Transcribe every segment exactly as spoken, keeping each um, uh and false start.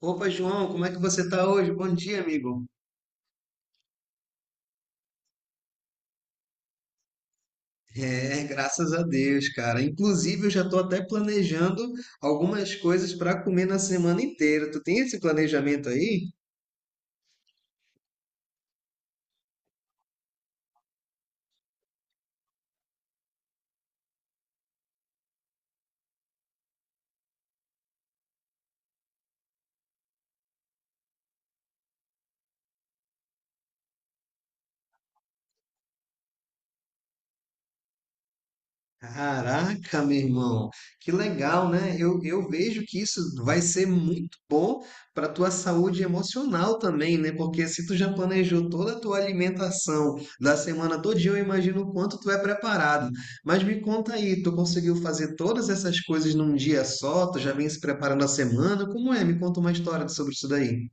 Opa, João, como é que você tá hoje? Bom dia, amigo. É, graças a Deus, cara. Inclusive, eu já tô até planejando algumas coisas para comer na semana inteira. Tu tem esse planejamento aí? Caraca, meu irmão, que legal, né? Eu, eu vejo que isso vai ser muito bom para tua saúde emocional também, né? Porque se tu já planejou toda a tua alimentação da semana todinha, eu imagino o quanto tu é preparado. Mas me conta aí, tu conseguiu fazer todas essas coisas num dia só? Tu já vem se preparando a semana? Como é? Me conta uma história sobre isso daí.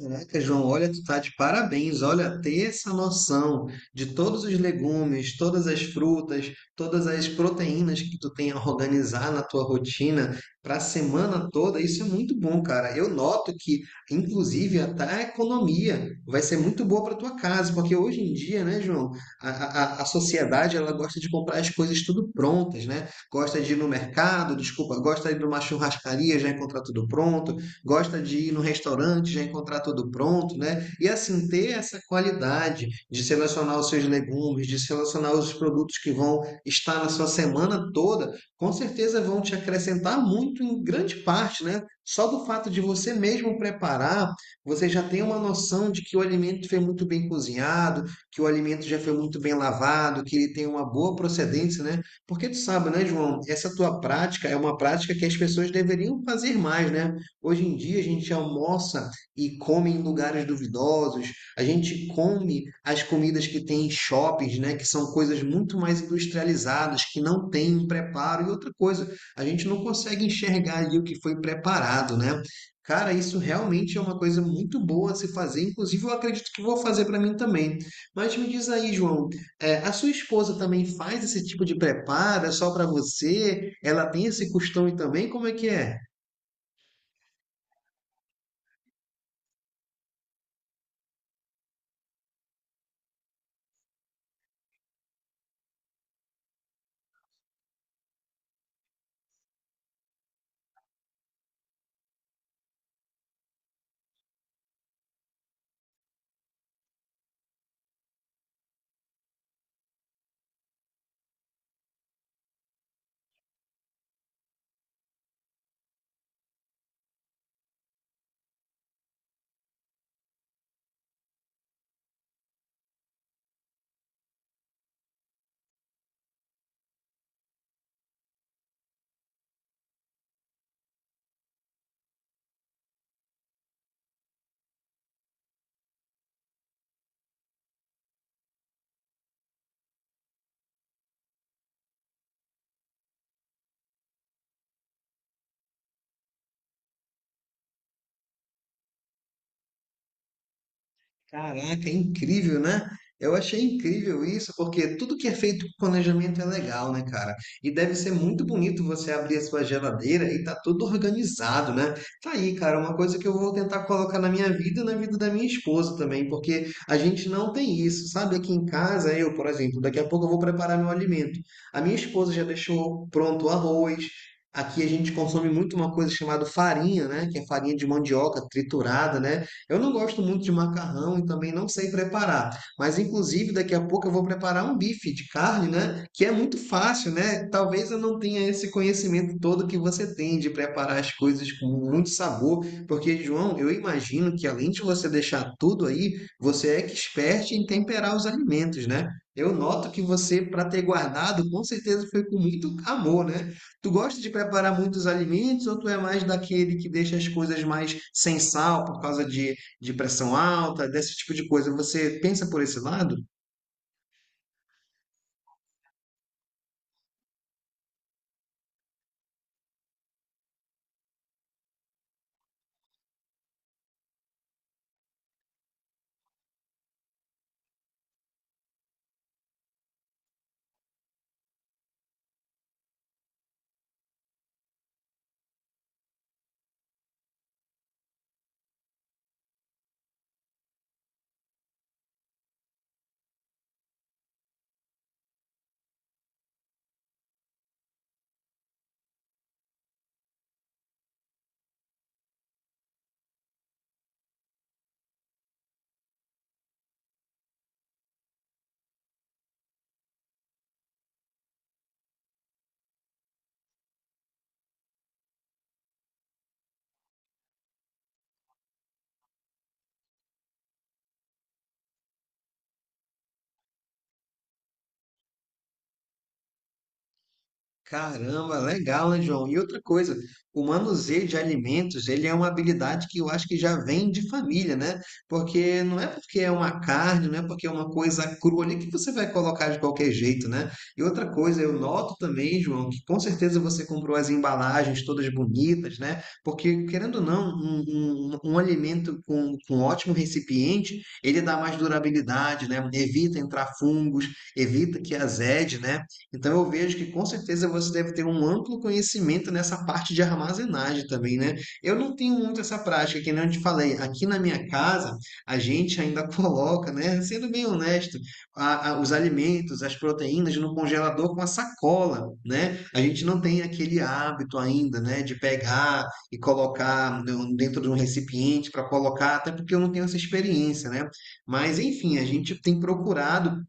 Caraca, João, olha, tu tá de parabéns. Olha, ter essa noção de todos os legumes, todas as frutas, todas as proteínas que tu tem a organizar na tua rotina para a semana toda, isso é muito bom, cara. Eu noto que, inclusive, até a economia vai ser muito boa para tua casa, porque hoje em dia, né, João, a, a, a sociedade ela gosta de comprar as coisas tudo prontas, né? Gosta de ir no mercado, desculpa, gosta de ir numa churrascaria já encontrar tudo pronto, gosta de ir no restaurante, já encontrar tudo pronto, né? E assim, ter essa qualidade de selecionar os seus legumes, de selecionar os produtos que vão estar na sua semana toda, com certeza vão te acrescentar muito em grande parte, né? Só do fato de você mesmo preparar, você já tem uma noção de que o alimento foi muito bem cozinhado, que o alimento já foi muito bem lavado, que ele tem uma boa procedência, né? Porque tu sabe, né, João? Essa tua prática é uma prática que as pessoas deveriam fazer mais, né? Hoje em dia a gente almoça e come em lugares duvidosos, a gente come as comidas que tem em shoppings, né, que são coisas muito mais industrializadas, que não têm um preparo. E outra coisa, a gente não consegue enxergar ali o que foi preparado, né? Cara, isso realmente é uma coisa muito boa a se fazer, inclusive eu acredito que vou fazer para mim também. Mas me diz aí, João, é, a sua esposa também faz esse tipo de preparo? É só para você? Ela tem esse costume também? Como é que é? Caraca, é incrível, né? Eu achei incrível isso, porque tudo que é feito com planejamento é legal, né, cara? E deve ser muito bonito você abrir a sua geladeira e tá tudo organizado, né? Tá aí, cara, uma coisa que eu vou tentar colocar na minha vida e na vida da minha esposa também, porque a gente não tem isso, sabe? Aqui em casa, eu, por exemplo, daqui a pouco eu vou preparar meu alimento. A minha esposa já deixou pronto o arroz. Aqui a gente consome muito uma coisa chamada farinha, né? Que é farinha de mandioca triturada, né? Eu não gosto muito de macarrão e também não sei preparar, mas inclusive daqui a pouco eu vou preparar um bife de carne, né? Que é muito fácil, né? Talvez eu não tenha esse conhecimento todo que você tem de preparar as coisas com muito sabor, porque, João, eu imagino que além de você deixar tudo aí, você é expert em temperar os alimentos, né? Eu noto que você, para ter guardado, com certeza foi com muito amor, né? Tu gosta de preparar muitos alimentos ou tu é mais daquele que deixa as coisas mais sem sal por causa de de pressão alta, desse tipo de coisa. Você pensa por esse lado? Caramba, legal, né, João? E outra coisa, o manuseio de alimentos, ele é uma habilidade que eu acho que já vem de família, né? Porque não é porque é uma carne, não é porque é uma coisa crua ali que você vai colocar de qualquer jeito, né? E outra coisa, eu noto também, João, que com certeza você comprou as embalagens todas bonitas, né? Porque, querendo ou não, um, um- um alimento com, com ótimo recipiente, ele dá mais durabilidade, né? Evita entrar fungos, evita que azede, né? Então eu vejo que com certeza você deve ter um amplo conhecimento nessa parte de armazenagem também, né? Eu não tenho muito essa prática, que nem eu te falei, aqui na minha casa a gente ainda coloca, né? Sendo bem honesto, a- a- os alimentos, as proteínas no congelador com a sacola, né? A gente não tem aquele hábito ainda, né? De pegar e colocar no- dentro de um recipiente para colocar, até porque eu não tenho essa experiência, né? Mas enfim, a gente tem procurado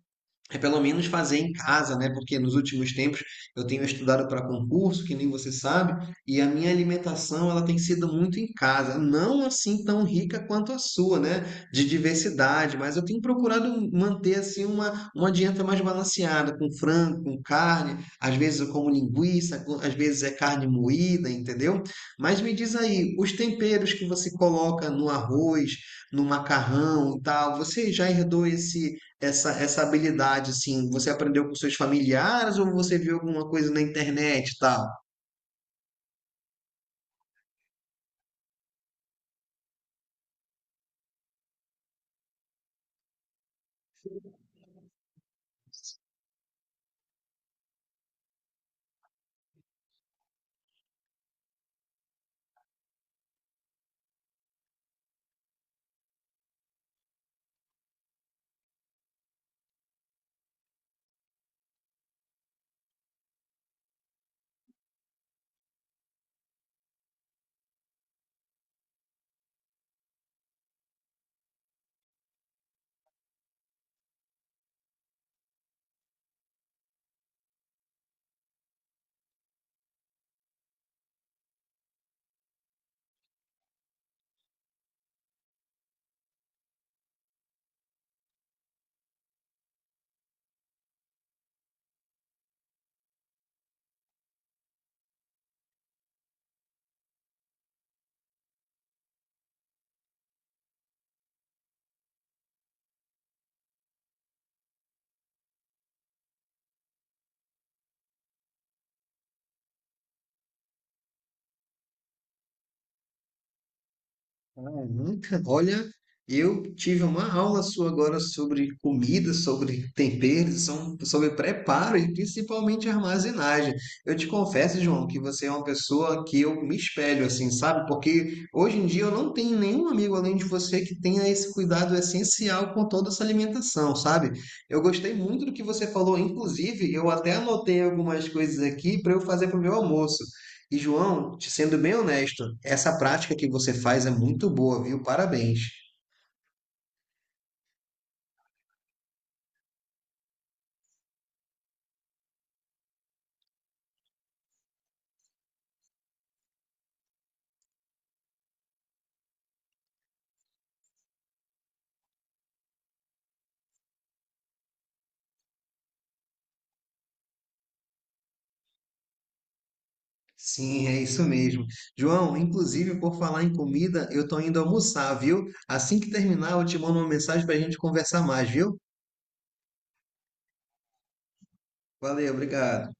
é pelo menos fazer em casa, né? Porque nos últimos tempos eu tenho estudado para concurso, que nem você sabe, e a minha alimentação ela tem sido muito em casa, não assim tão rica quanto a sua, né? De diversidade, mas eu tenho procurado manter assim uma, uma dieta mais balanceada, com frango, com carne, às vezes eu como linguiça, co- às vezes é carne moída, entendeu? Mas me diz aí, os temperos que você coloca no arroz, no macarrão e tal, você já herdou esse essa, essa habilidade, assim, você aprendeu com seus familiares ou você viu alguma coisa na internet e tal? Ah, nunca. Olha, eu tive uma aula sua agora sobre comida, sobre temperos, som- sobre preparo e principalmente armazenagem. Eu te confesso, João, que você é uma pessoa que eu me espelho, assim, sabe? Porque hoje em dia eu não tenho nenhum amigo além de você que tenha esse cuidado essencial com toda essa alimentação, sabe? Eu gostei muito do que você falou, inclusive eu até anotei algumas coisas aqui para eu fazer para o meu almoço. E João, te sendo bem honesto, essa prática que você faz é muito boa, viu? Parabéns. Sim, é isso mesmo. João, inclusive, por falar em comida, eu tô indo almoçar, viu? Assim que terminar, eu te mando uma mensagem pra gente conversar mais, viu? Valeu, obrigado.